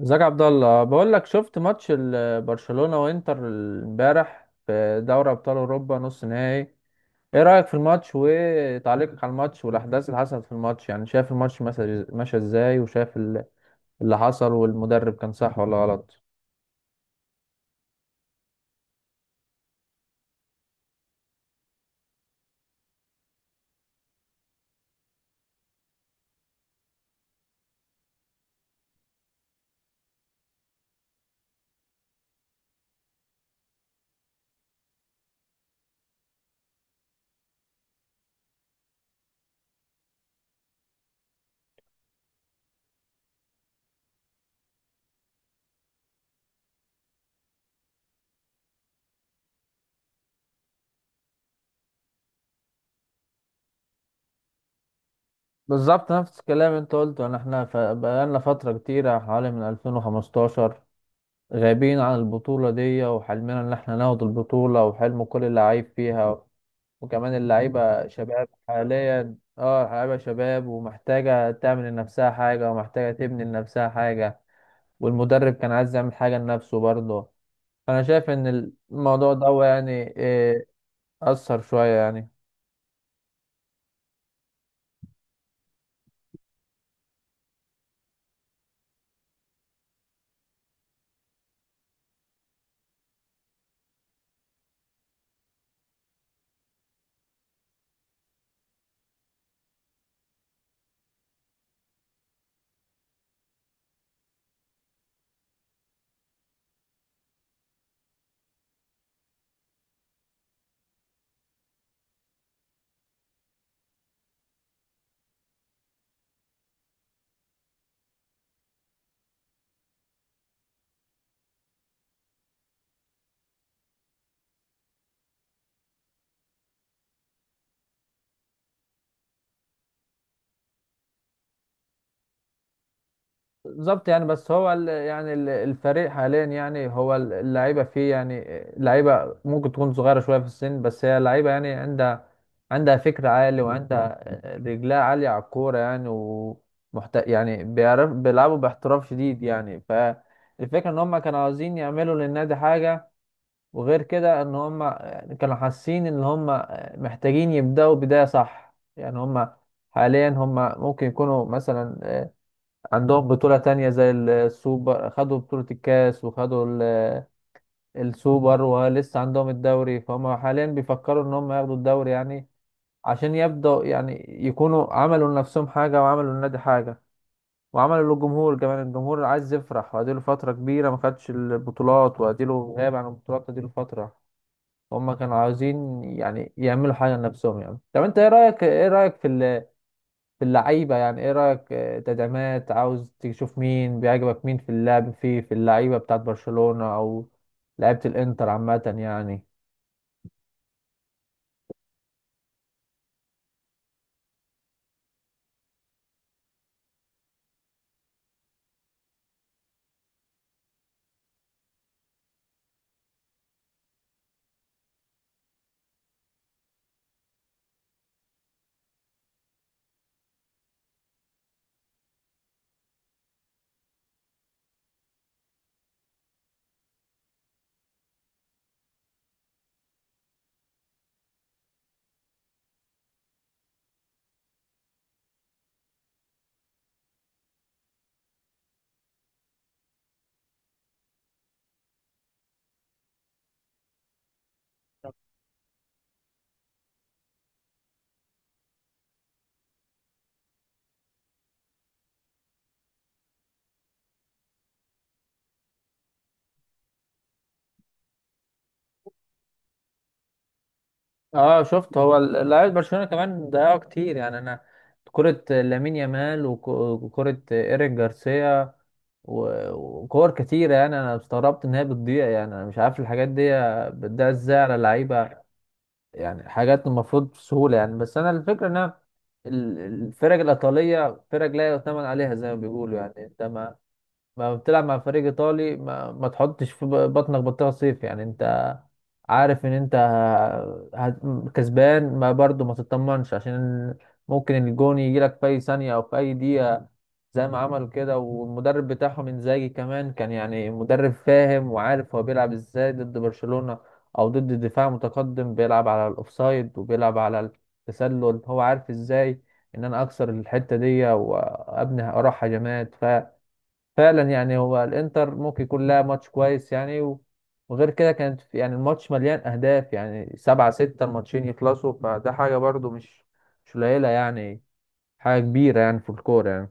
ازيك يا عبد الله؟ بقول لك شفت ماتش برشلونة وانتر امبارح في دوري ابطال اوروبا نص نهائي. ايه رأيك في الماتش وتعليقك على الماتش والاحداث اللي حصلت في الماتش؟ يعني شايف الماتش مثلا ماشي ازاي وشايف اللي حصل، والمدرب كان صح ولا غلط؟ بالظبط نفس الكلام انت قلته، ان احنا بقالنا فترة كتيرة حوالي من 2015 غايبين عن البطولة دي، وحلمنا ان احنا ناخد البطولة وحلم كل اللعيب فيها. وكمان اللعيبة شباب حاليا، اه اللعيبة شباب ومحتاجة تعمل لنفسها حاجة ومحتاجة تبني لنفسها حاجة. والمدرب كان عايز يعمل حاجة لنفسه برضه. فأنا شايف إن الموضوع ده يعني إيه، أثر شوية يعني. بالظبط يعني، بس هو الفريق حاليا يعني هو اللعيبه فيه يعني، اللعيبه ممكن تكون صغيره شويه في السن، بس هي لعيبه يعني عندها فكر عالي، وعندها رجلها عاليه على الكوره يعني. يعني بيعرف بيلعبوا باحتراف شديد يعني، فالفكره ان هم كانوا عاوزين يعملوا للنادي حاجه. وغير كده ان هم كانوا حاسين ان هم محتاجين يبداوا بدايه صح يعني. هم حاليا هم ممكن يكونوا مثلا عندهم بطولة تانية زي السوبر، خدوا بطولة الكاس وخدوا السوبر ولسه عندهم الدوري، فهم حاليا بيفكروا ان هم ياخدوا الدوري يعني، عشان يبدأوا يعني يكونوا عملوا لنفسهم حاجة وعملوا للنادي حاجة وعملوا للجمهور كمان. الجمهور عايز يفرح، واديله فترة كبيرة ما خدش البطولات، واديله غاب عن البطولات اديله فترة. هم كانوا عاوزين يعني يعملوا حاجة لنفسهم يعني. طب انت ايه رأيك، ايه رأيك في ال في اللعيبة؟ يعني ايه رأيك، آه، تدعيمات عاوز تشوف؟ مين بيعجبك مين في اللعب في اللعيبة بتاعت برشلونة او لعيبة الانتر عامة يعني؟ اه شفت، هو لعيبة برشلونة كمان ضيعوا كتير يعني. انا كرة لامين يامال وكرة ايريك جارسيا وكور كتيرة، يعني انا استغربت ان هي بتضيع يعني. انا مش عارف الحاجات دي بتضيع ازاي على لعيبة يعني، حاجات المفروض بسهولة يعني. بس أنا الفكرة إن أنا الفرق الإيطالية فرق لا يؤتمن عليها زي ما بيقولوا يعني. أنت ما بتلعب مع فريق إيطالي ما تحطش في بطنك بطيخة صيف يعني. أنت عارف ان انت هت- كسبان ما برضو ما تطمنش، عشان ممكن الجون يجي لك في اي ثانية او في اي دقيقة زي ما عملوا كده. والمدرب بتاعهم انزاجي كمان كان يعني مدرب فاهم وعارف هو بيلعب ازاي ضد برشلونة او ضد دفاع متقدم بيلعب على الاوفسايد وبيلعب على التسلل، هو عارف ازاي ان انا اكسر الحتة دي وابني اروح هجمات. فعلا يعني هو الانتر ممكن يكون لها ماتش كويس يعني وغير كده كانت يعني الماتش مليان اهداف يعني سبعة ستة الماتشين يخلصوا، فده حاجة برضو مش قليلة يعني، حاجة كبيرة يعني في الكورة يعني.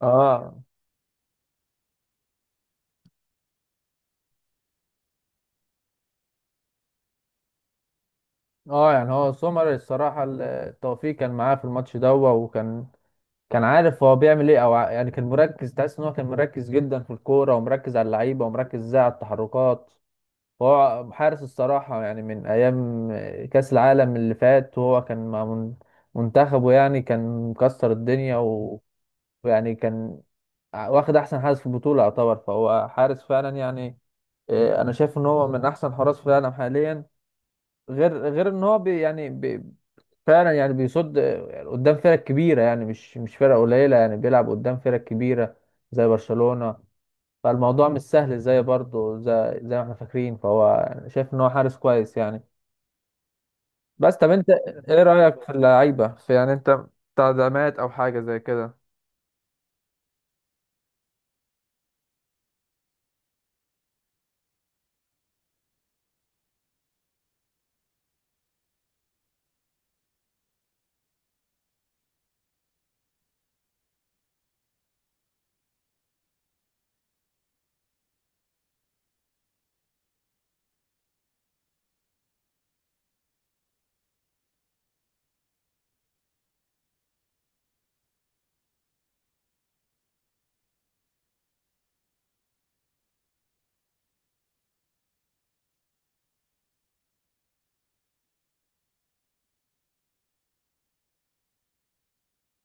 اه. اه يعني هو سومر الصراحة التوفيق كان معاه في الماتش ده، وكان كان عارف هو بيعمل ايه، او يعني كان مركز، تحس ان هو كان مركز جدا في الكورة، ومركز على اللعيبة، ومركز ازاي على التحركات. هو حارس الصراحة يعني من أيام كأس العالم اللي فات، وهو كان مع منتخبه يعني كان مكسر الدنيا ويعني كان واخد أحسن حارس في البطولة يعتبر، فهو حارس فعلا يعني. آه، أنا شايف إن هو من أحسن حراس في العالم حاليا. غير إن هو بي فعلا يعني بيصد آه، قدام فرق كبيرة يعني مش فرق قليلة يعني، بيلعب قدام فرق كبيرة زي برشلونة، فالموضوع مش سهل زي برضه زي ما احنا فاكرين. فهو شايف ان هو حارس كويس يعني. بس طب انت ايه رأيك في اللعيبة في يعني، انت تعدامات او حاجة زي كده؟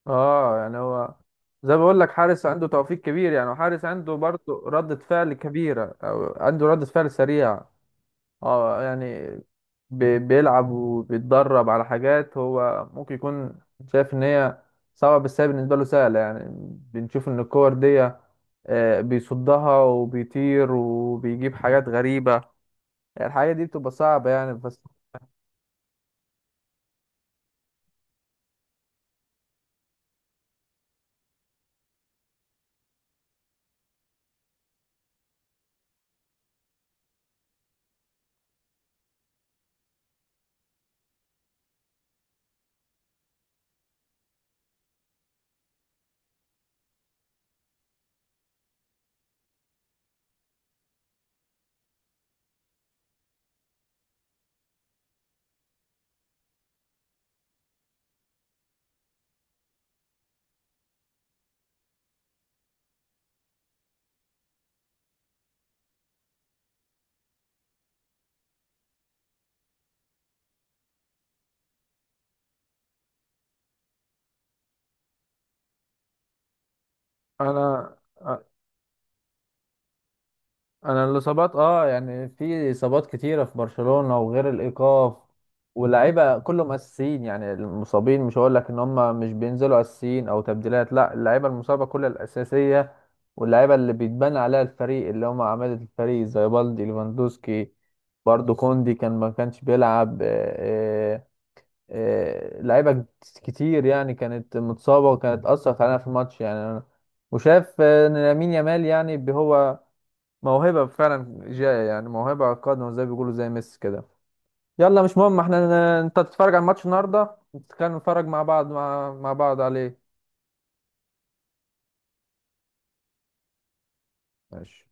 اه يعني هو زي ما بقول لك حارس عنده توفيق كبير يعني، وحارس عنده برضه ردة فعل كبيرة او عنده ردة فعل سريعة. اه يعني بيلعب وبيتدرب على حاجات هو ممكن يكون شايف ان هي صعبة، بس هي بالنسبة له سهلة يعني. بنشوف ان الكور دي آه، بيصدها وبيطير وبيجيب حاجات غريبة، يعني الحاجة دي بتبقى صعبة يعني. بس انا انا الاصابات، اه يعني في اصابات كتيره في برشلونه وغير الايقاف، واللعيبه كلهم اساسيين يعني. المصابين مش هقول لك ان هم مش بينزلوا اساسيين او تبديلات، لا، اللعيبه المصابه كلها الاساسيه واللعيبه اللي بيتبنى عليها الفريق اللي هم عماده الفريق زي بالدي ليفاندوسكي، برضو كوندي كان ما كانش بيلعب، آه، لعيبه كتير يعني كانت متصابه وكانت اثر علينا في الماتش يعني. وشاف آه، ان لامين يامال يعني هو موهبة فعلا جاية يعني، موهبة قادمة زي بيقولوا زي ميسي كده. يلا مش مهم، احنا انت تتفرج على الماتش النهارده، نتكلم نتفرج مع بعض مع بعض عليه. ماشي.